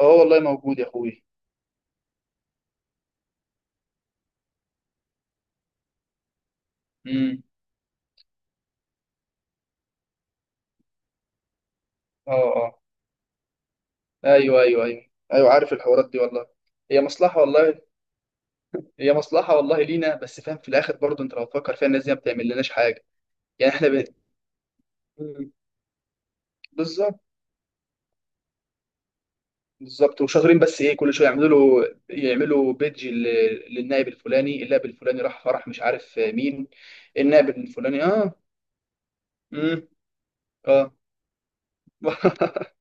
اه، والله موجود يا اخوي. امم. اه، اه. ايوه، ايوه، ايوه، ايوه، عارف الحوارات دي والله. هي مصلحه والله. هي مصلحه والله لينا، بس فاهم في الاخر برضه، انت لو تفكر فيها الناس دي ما بتعمل لناش حاجه. يعني احنا. مم. بالظبط. بالظبط وشاطرين، بس ايه كل شويه يعملوا له، يعملوا بيدج للنائب الفلاني، النائب الفلاني راح فرح مش عارف مين. النائب الفلاني. اه. امم. اه.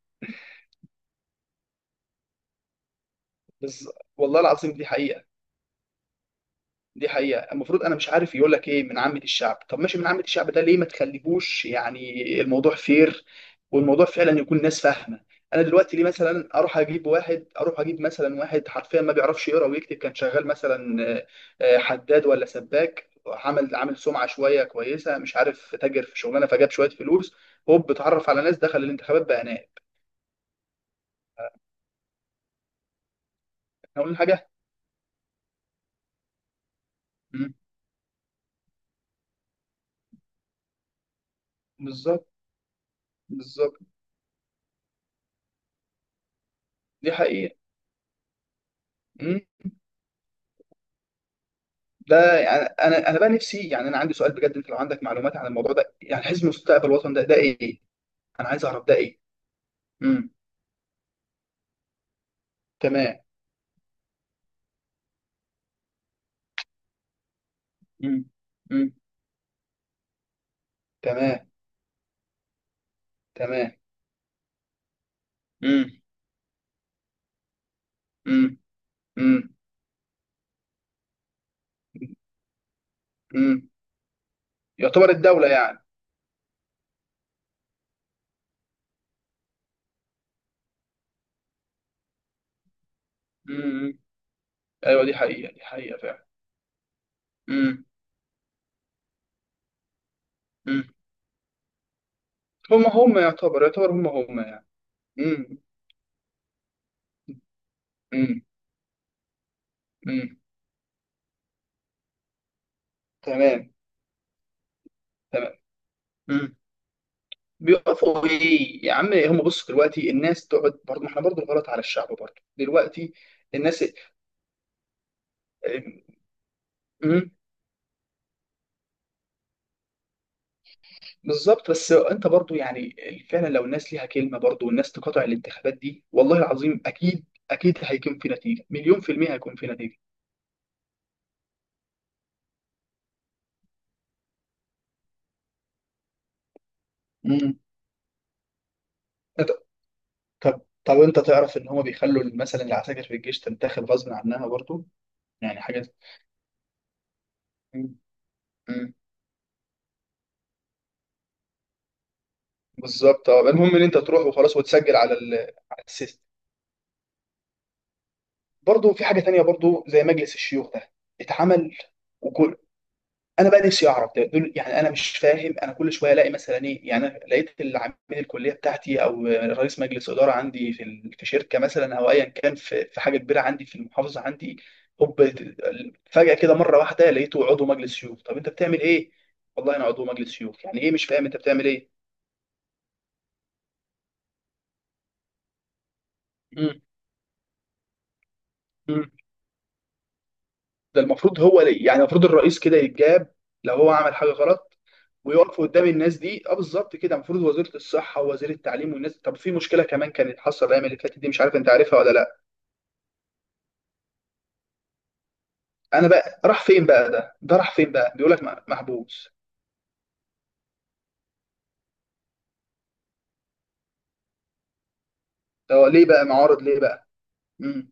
بز... والله العظيم دي حقيقه. دي حقيقة، المفروض أنا مش عارف يقول لك إيه، من عامة الشعب؟ طب ماشي من عامة الشعب، ده ليه ما تخليهوش يعني الموضوع فير، والموضوع فعلا يكون ناس فاهمة. أنا دلوقتي ليه مثلا أروح أجيب واحد، أروح أجيب مثلا واحد حرفيا ما بيعرفش يقرأ ويكتب، كان شغال مثلا حداد ولا سباك، عمل عامل سمعة شوية كويسة، مش عارف تاجر في شغلانة فجاب شوية فلوس، هوب اتعرف على ناس، دخل الانتخابات بقى نائب. إحنا قلنا حاجة. مم. بالظبط. بالظبط. دي حقيقة. مم. ده يعني انا بقى نفسي، يعني انا عندي سؤال بجد، انت لو عندك معلومات عن الموضوع ده، يعني حزب مستقبل الوطن ده ايه؟ انا عايز اعرف ده ايه؟ امم. تمام. امم. امم. تمام. تمام. امم. امم. امم. امم. يعتبر الدولة يعني. امم. ايوه، دي حقيقة، دي حقيقة فعلا. امم. امم. هم يعتبر، يعتبر هم يعني. امم. امم. امم. تمام. تمام. بيقفوا ايه يا عم، هم بصوا دلوقتي الناس تقعد برضه، ما احنا برضه الغلط على الشعب برضه دلوقتي الناس. امم. بالظبط، بس انت برضه يعني، فعلا لو الناس ليها كلمه برضه والناس تقاطع الانتخابات دي، والله العظيم اكيد، اكيد هيكون في نتيجه، مليون في الميه هيكون في نتيجه. امم. طب انت تعرف ان هم بيخلوا مثلا العساكر في الجيش تنتخب غصب عنها برضه، يعني حاجه. مم. مم. بالظبط. اه، المهم ان انت تروح وخلاص وتسجل على على السيستم. برضه في حاجه تانية برضه زي مجلس الشيوخ ده، اتعمل وكل. انا بقى نفسي اعرف ده، دول يعني انا مش فاهم، انا كل شويه الاقي مثلا ايه، يعني أنا لقيت العميد الكليه بتاعتي، او رئيس مجلس اداره عندي في شركه مثلا، او ايا كان في حاجه كبيره عندي في المحافظه عندي، هوب فجاه كده مره واحده لقيته عضو مجلس شيوخ، طب انت بتعمل ايه؟ والله انا عضو مجلس شيوخ يعني ايه، مش فاهم انت بتعمل ايه؟ مم. ده المفروض هو ليه، يعني المفروض الرئيس كده يتجاب لو هو عمل حاجه غلط، ويقف قدام الناس دي. اه، بالظبط كده المفروض وزيره الصحه ووزير التعليم والناس. طب في مشكله كمان كانت حصل الايام اللي فاتت دي، مش عارف انت عارفها ولا لا. انا بقى راح فين بقى، ده راح فين بقى، بيقول لك محبوس. ده هو ليه بقى معارض ليه بقى. امم.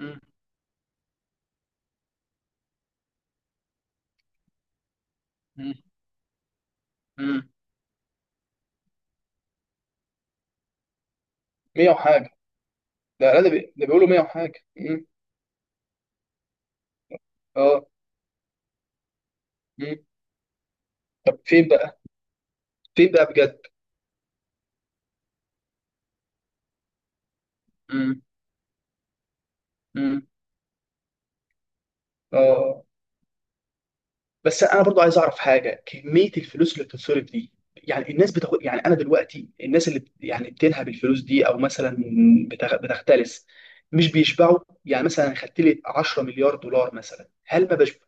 امم. امم. 100 وحاجه. ده لا ده، ده بيقولوا 100 وحاجه. امم. اه. امم. طب فين بقى. فين بقى بجد. امم. امم. اه. بس انا برضو عايز اعرف حاجه، كميه الفلوس اللي بتتصرف دي، يعني الناس بتاخد يعني انا دلوقتي الناس اللي يعني بتنهب الفلوس دي او مثلا بتختلس، مش بيشبعوا. يعني مثلا خدت لي 10 مليار دولار مثلا، هل ما بش،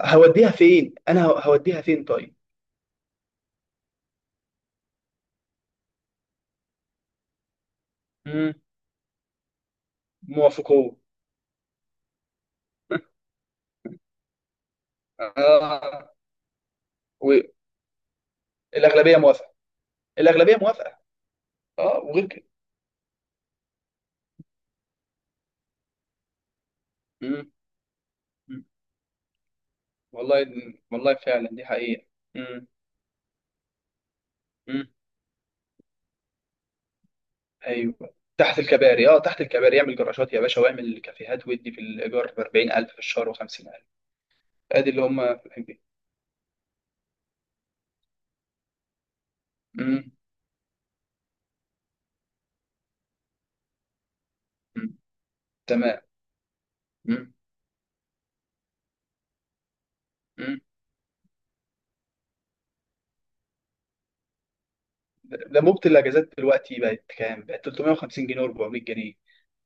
هوديها فين، انا هوديها فين طيب. امم. موافقون. اه، والاغلبيه موافقه. الاغلبيه موافقه. اه، وغير كده. امم. والله، والله فعلا دي حقيقه. امم. ايوه تحت الكباري، اه تحت الكباري اعمل جراشات يا باشا، واعمل كافيهات وادي في الايجار ب 40,000 في الشهر و50000. ادي اللي هم محبين. امم. أمم. تمام. امم. امم. انبوبه الاجازات دلوقتي بقت كام؟ بقت 350 جنيه و400 جنيه.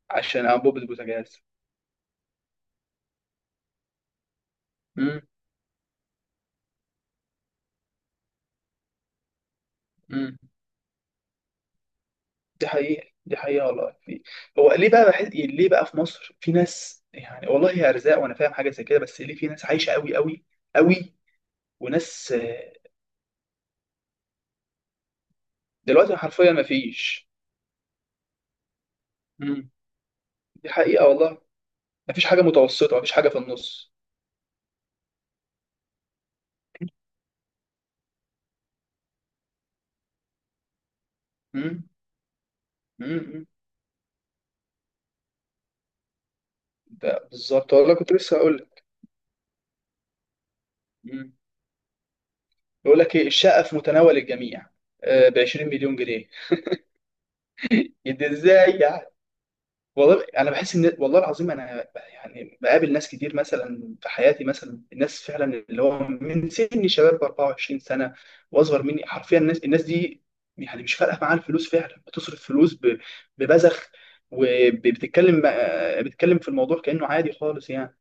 عشان انبوبه البوتاجاز. امم. امم. دي حقيقه، دي حقيقه والله في. هو ليه بقى بحس ليه بقى في مصر في ناس، يعني والله هي ارزاق وانا فاهم حاجه زي كده، بس ليه في ناس عايشه قوي قوي قوي، وناس دلوقتي حرفيا ما فيش. دي حقيقة والله. مفيش حاجة متوسطة، مفيش حاجة في النص. امم. امم. ده بالظبط والله كنت لسه هقول لك. مم. يقول لك ايه، الشقة في متناول الجميع ب 20 مليون جنيه. ده ازاي يعني. والله انا بحس ان والله العظيم انا، يعني بقابل ناس كتير مثلا في حياتي، مثلا الناس فعلا اللي هو من سن شباب ب 24 سنة واصغر مني حرفيا، الناس دي يعني مش فارقة معاها الفلوس، فعلا بتصرف فلوس ببذخ، وبتتكلم بتتكلم في الموضوع كأنه عادي خالص يعني.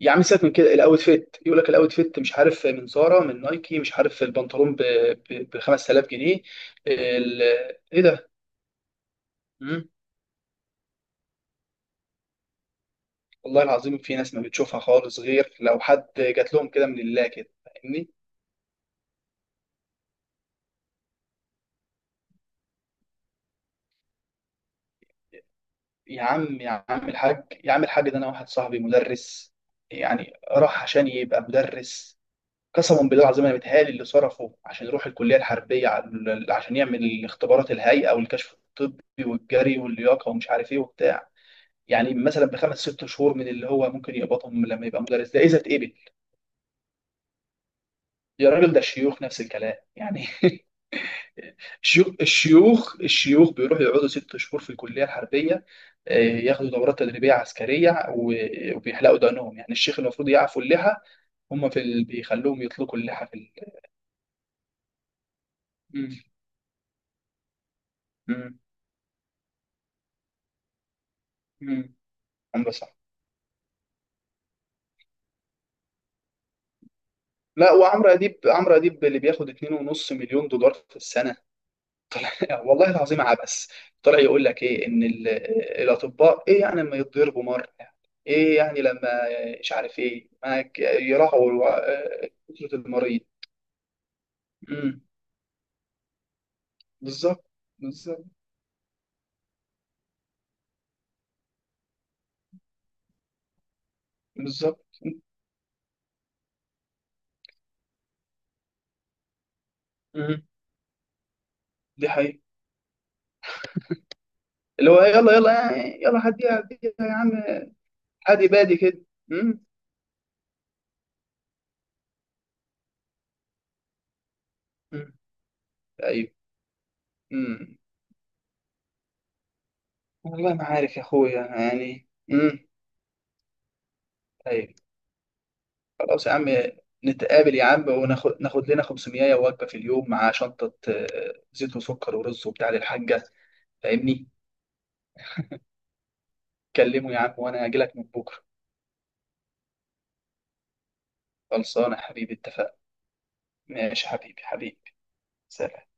يا عم سيبك من كده، الاوت فيت يقول لك الاوت فيت، مش عارف من زارا من نايكي، مش عارف البنطلون ب 5000 جنيه. ال- ايه ده؟ مم. والله العظيم في ناس ما بتشوفها خالص، غير لو حد جات لهم كده من الله كده، فاهمني؟ يا عم، يا عم الحاج، يا عم الحاج، ده انا واحد صاحبي مدرس، يعني راح عشان يبقى مدرس، قسما بالله العظيم انا متهيألي اللي صرفه عشان يروح الكليه الحربيه عشان يعمل اختبارات الهيئه والكشف الطبي والجري واللياقه ومش عارف ايه وبتاع، يعني مثلا بخمس ست شهور من اللي هو ممكن يقبضهم لما يبقى مدرس، ده اذا اتقبل. يا راجل ده الشيوخ نفس الكلام يعني. الشيوخ الشيوخ بيروحوا يقعدوا ست شهور في الكليه الحربيه، ياخدوا دورات تدريبيه عسكريه، وبيحلقوا دقنهم، يعني الشيخ المفروض يعفوا اللحى، هم بيخلوهم يطلقوا اللحى. مم. مم. مم. عمرو صح. لا وعمرو اديب، عمرو اديب اللي بياخد 2.5 مليون دولار في السنه. لا، والله العظيم عبث. طلع يقول لك ايه ان الاطباء ايه يعني لما يتضربوا مره. ايه يعني لما، مش عارف ايه معاك، يراعوا قدره المريض. امم. بالظبط، بالظبط، بالظبط. امم. دي حقيقة. اللي هو يلا يلا، يعني يلا هديها هديها يا عم. عادي بادي كده. امم. أمم. ايوه. امم. والله ما عارف يا اخويا يعني امم. ايوه. خلاص يا عم. نتقابل يا عم وناخد لنا 500 وجبة في اليوم، مع شنطة زيت وسكر ورز وبتاع للحاجة، فاهمني. كلمه يا عم وانا اجي لك من بكرة. خلصانة يا حبيبي اتفقنا. ماشي يا حبيبي حبيبي. سلام.